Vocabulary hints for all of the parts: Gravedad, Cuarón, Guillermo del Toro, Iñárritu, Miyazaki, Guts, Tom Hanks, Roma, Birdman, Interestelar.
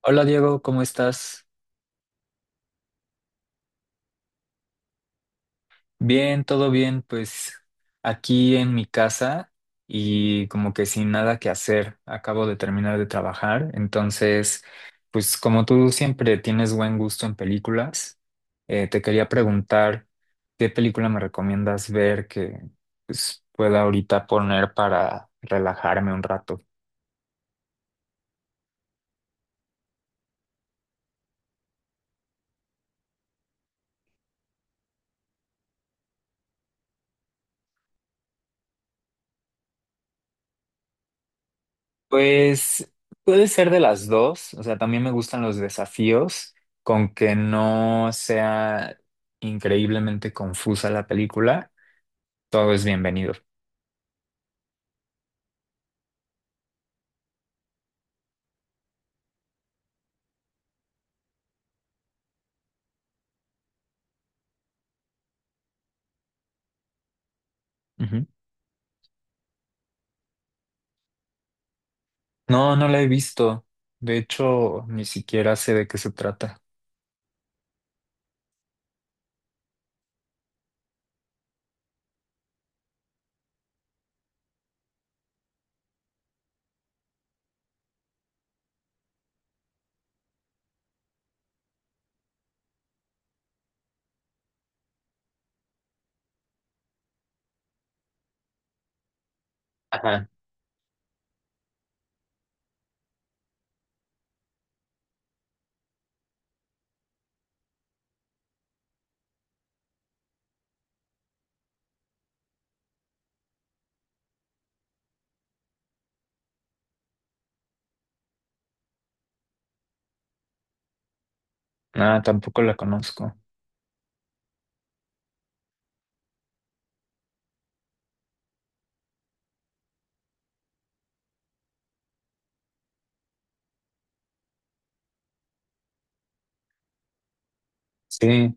Hola Diego, ¿cómo estás? Bien, todo bien, pues aquí en mi casa y como que sin nada que hacer. Acabo de terminar de trabajar, entonces, pues como tú siempre tienes buen gusto en películas, te quería preguntar qué película me recomiendas ver que pues, pueda ahorita poner para relajarme un rato. Pues puede ser de las dos, o sea, también me gustan los desafíos, con que no sea increíblemente confusa la película, todo es bienvenido. Ujú. No, no la he visto, de hecho, ni siquiera sé de qué se trata. Ajá. Nada, tampoco la conozco. Sí,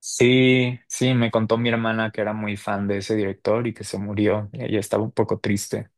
sí, sí, me contó mi hermana que era muy fan de ese director y que se murió, y ella estaba un poco triste.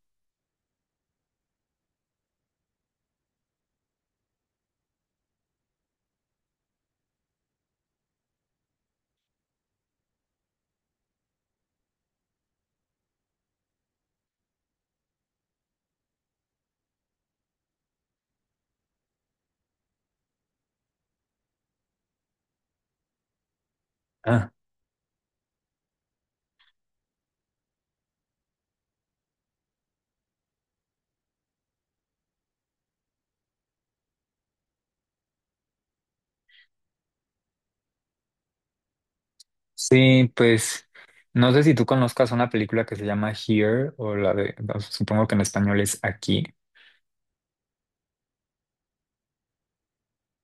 Sí, pues no sé si tú conozcas una película que se llama Here o la de, no, supongo que en español es Aquí.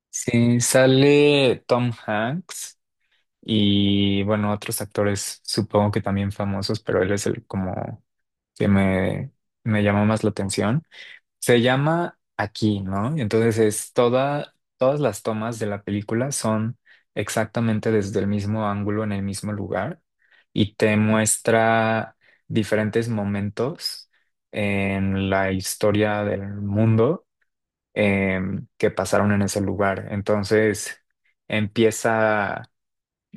Sí, sale Tom Hanks y bueno, otros actores supongo que también famosos, pero él es el como que me llamó más la atención. Se llama Aquí, ¿no? Y entonces es toda, todas las tomas de la película son exactamente desde el mismo ángulo, en el mismo lugar, y te muestra diferentes momentos en la historia del mundo que pasaron en ese lugar. Entonces empieza,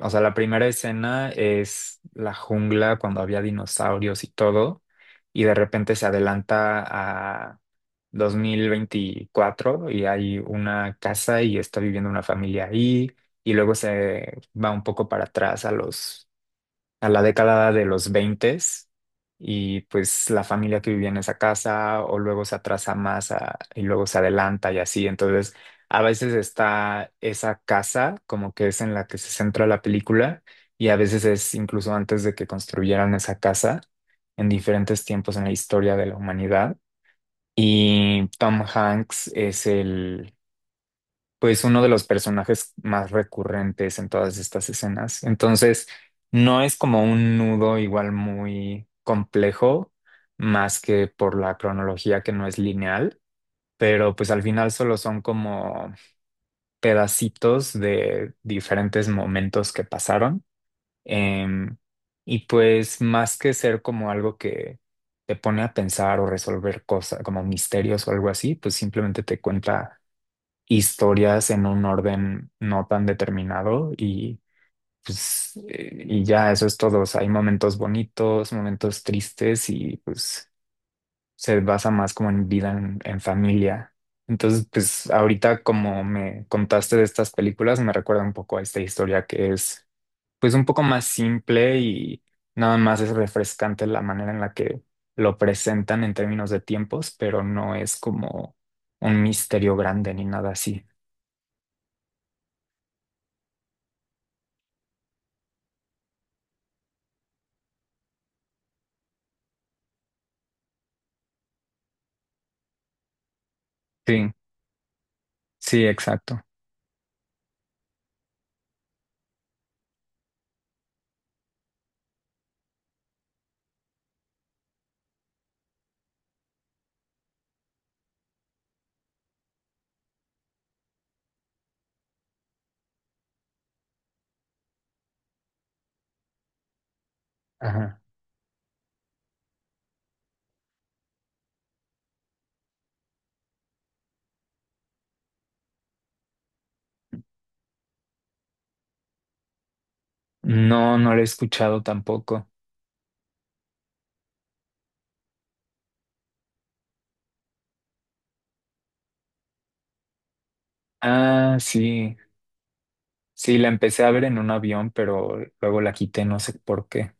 o sea, la primera escena es la jungla cuando había dinosaurios y todo, y de repente se adelanta a 2024 y hay una casa y está viviendo una familia ahí, y luego se va un poco para atrás a los, a la década de los 20, y pues la familia que vivía en esa casa, o luego se atrasa más y luego se adelanta y así. Entonces, a veces está esa casa como que es en la que se centra la película y a veces es incluso antes de que construyeran esa casa en diferentes tiempos en la historia de la humanidad. Y Tom Hanks es pues uno de los personajes más recurrentes en todas estas escenas. Entonces, no es como un nudo igual muy complejo, más que por la cronología que no es lineal, pero pues al final solo son como pedacitos de diferentes momentos que pasaron. Em, y pues más que ser como algo que te pone a pensar o resolver cosas como misterios o algo así, pues simplemente te cuenta historias en un orden no tan determinado y pues y ya eso es todo. O sea, hay momentos bonitos, momentos tristes y pues se basa más como en vida en familia. Entonces, pues ahorita como me contaste de estas películas, me recuerda un poco a esta historia que es pues un poco más simple y nada más es refrescante la manera en la que lo presentan en términos de tiempos, pero no es como un misterio grande ni nada así. Sí. Sí, exacto. Ajá. No, no la he escuchado tampoco. Ah, sí. Sí, la empecé a ver en un avión, pero luego la quité, no sé por qué.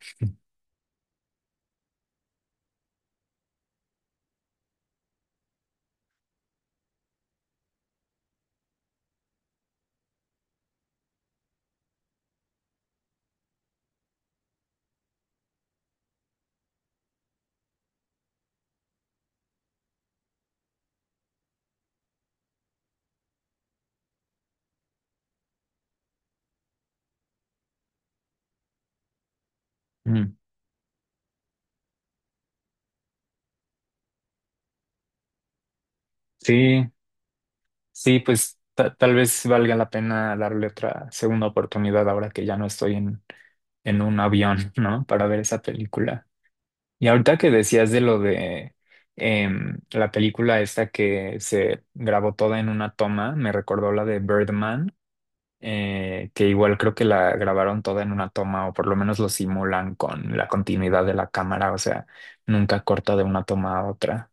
Mm. Sí, sí, pues tal vez valga la pena darle otra segunda oportunidad ahora que ya no estoy en un avión, ¿no? Para ver esa película. Y ahorita que decías de lo de la película esta que se grabó toda en una toma, me recordó la de Birdman, que igual creo que la grabaron toda en una toma o por lo menos lo simulan con la continuidad de la cámara, o sea, nunca corta de una toma a otra,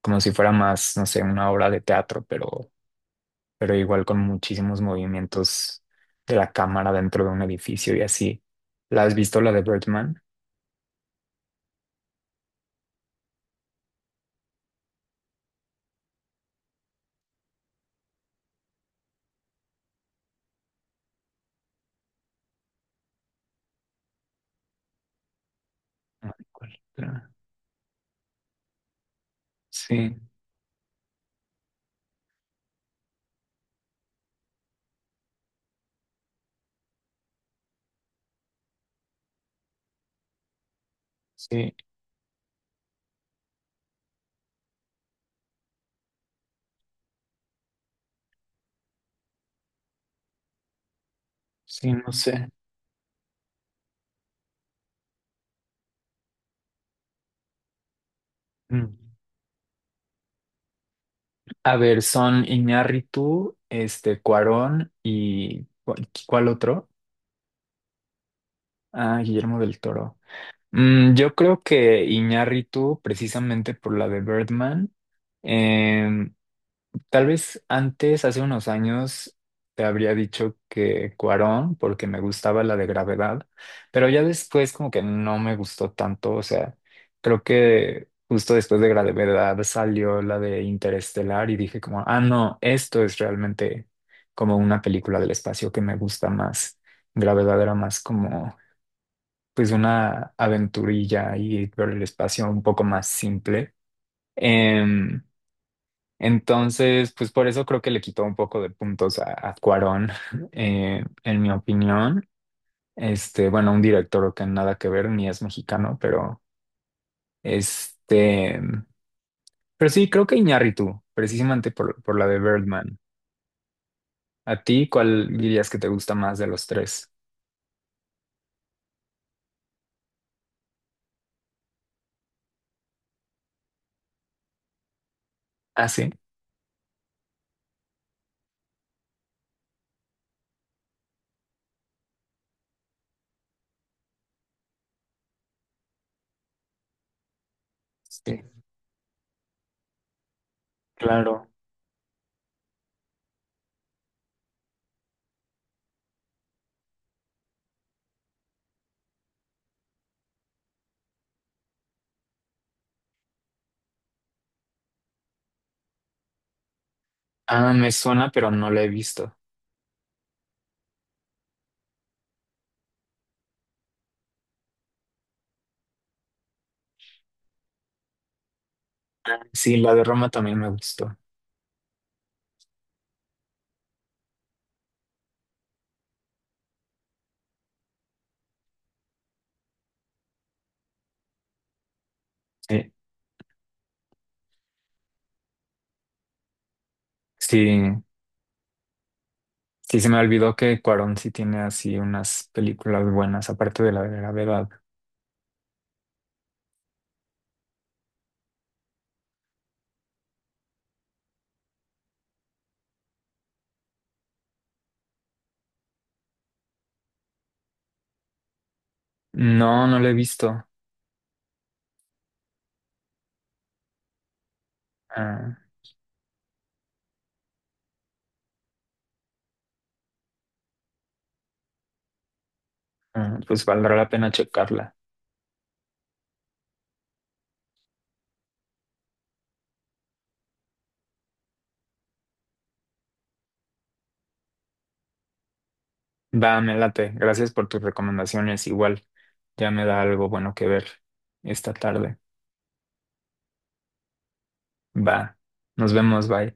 como si fuera más, no sé, una obra de teatro, pero igual con muchísimos movimientos de la cámara dentro de un edificio y así. ¿La has visto la de Birdman? Ay, ¿cuál otra? Sí, sí, sí, no sé. Mm. A ver, son Iñárritu, este, Cuarón y ¿cuál otro? Ah, Guillermo del Toro. Yo creo que Iñárritu, precisamente por la de Birdman. em, Tal vez antes, hace unos años, te habría dicho que Cuarón, porque me gustaba la de Gravedad, pero ya después como que no me gustó tanto, o sea, creo que justo después de Gravedad salió la de Interestelar y dije como, ah, no, esto es realmente como una película del espacio que me gusta más. Gravedad era más como pues una aventurilla y por el espacio un poco más simple. Em, entonces, pues por eso creo que le quitó un poco de puntos a Cuarón, en mi opinión. Este, bueno, un director que nada que ver, ni es mexicano, pero este, pero sí, creo que Iñárritu, precisamente por la de Birdman. ¿A ti cuál dirías que te gusta más de los tres? Ah, sí. Sí, claro. Ah, me suena, pero no la he visto. Ah, sí, la de Roma también me gustó. Sí, sí, sí se me olvidó que Cuarón sí tiene así unas películas buenas, aparte de la de Gravedad. No, no la he visto. Ah, ah, pues valdrá la pena checarla. Va, me late. Gracias por tus recomendaciones. Igual ya me da algo bueno que ver esta tarde. Va, nos vemos, bye.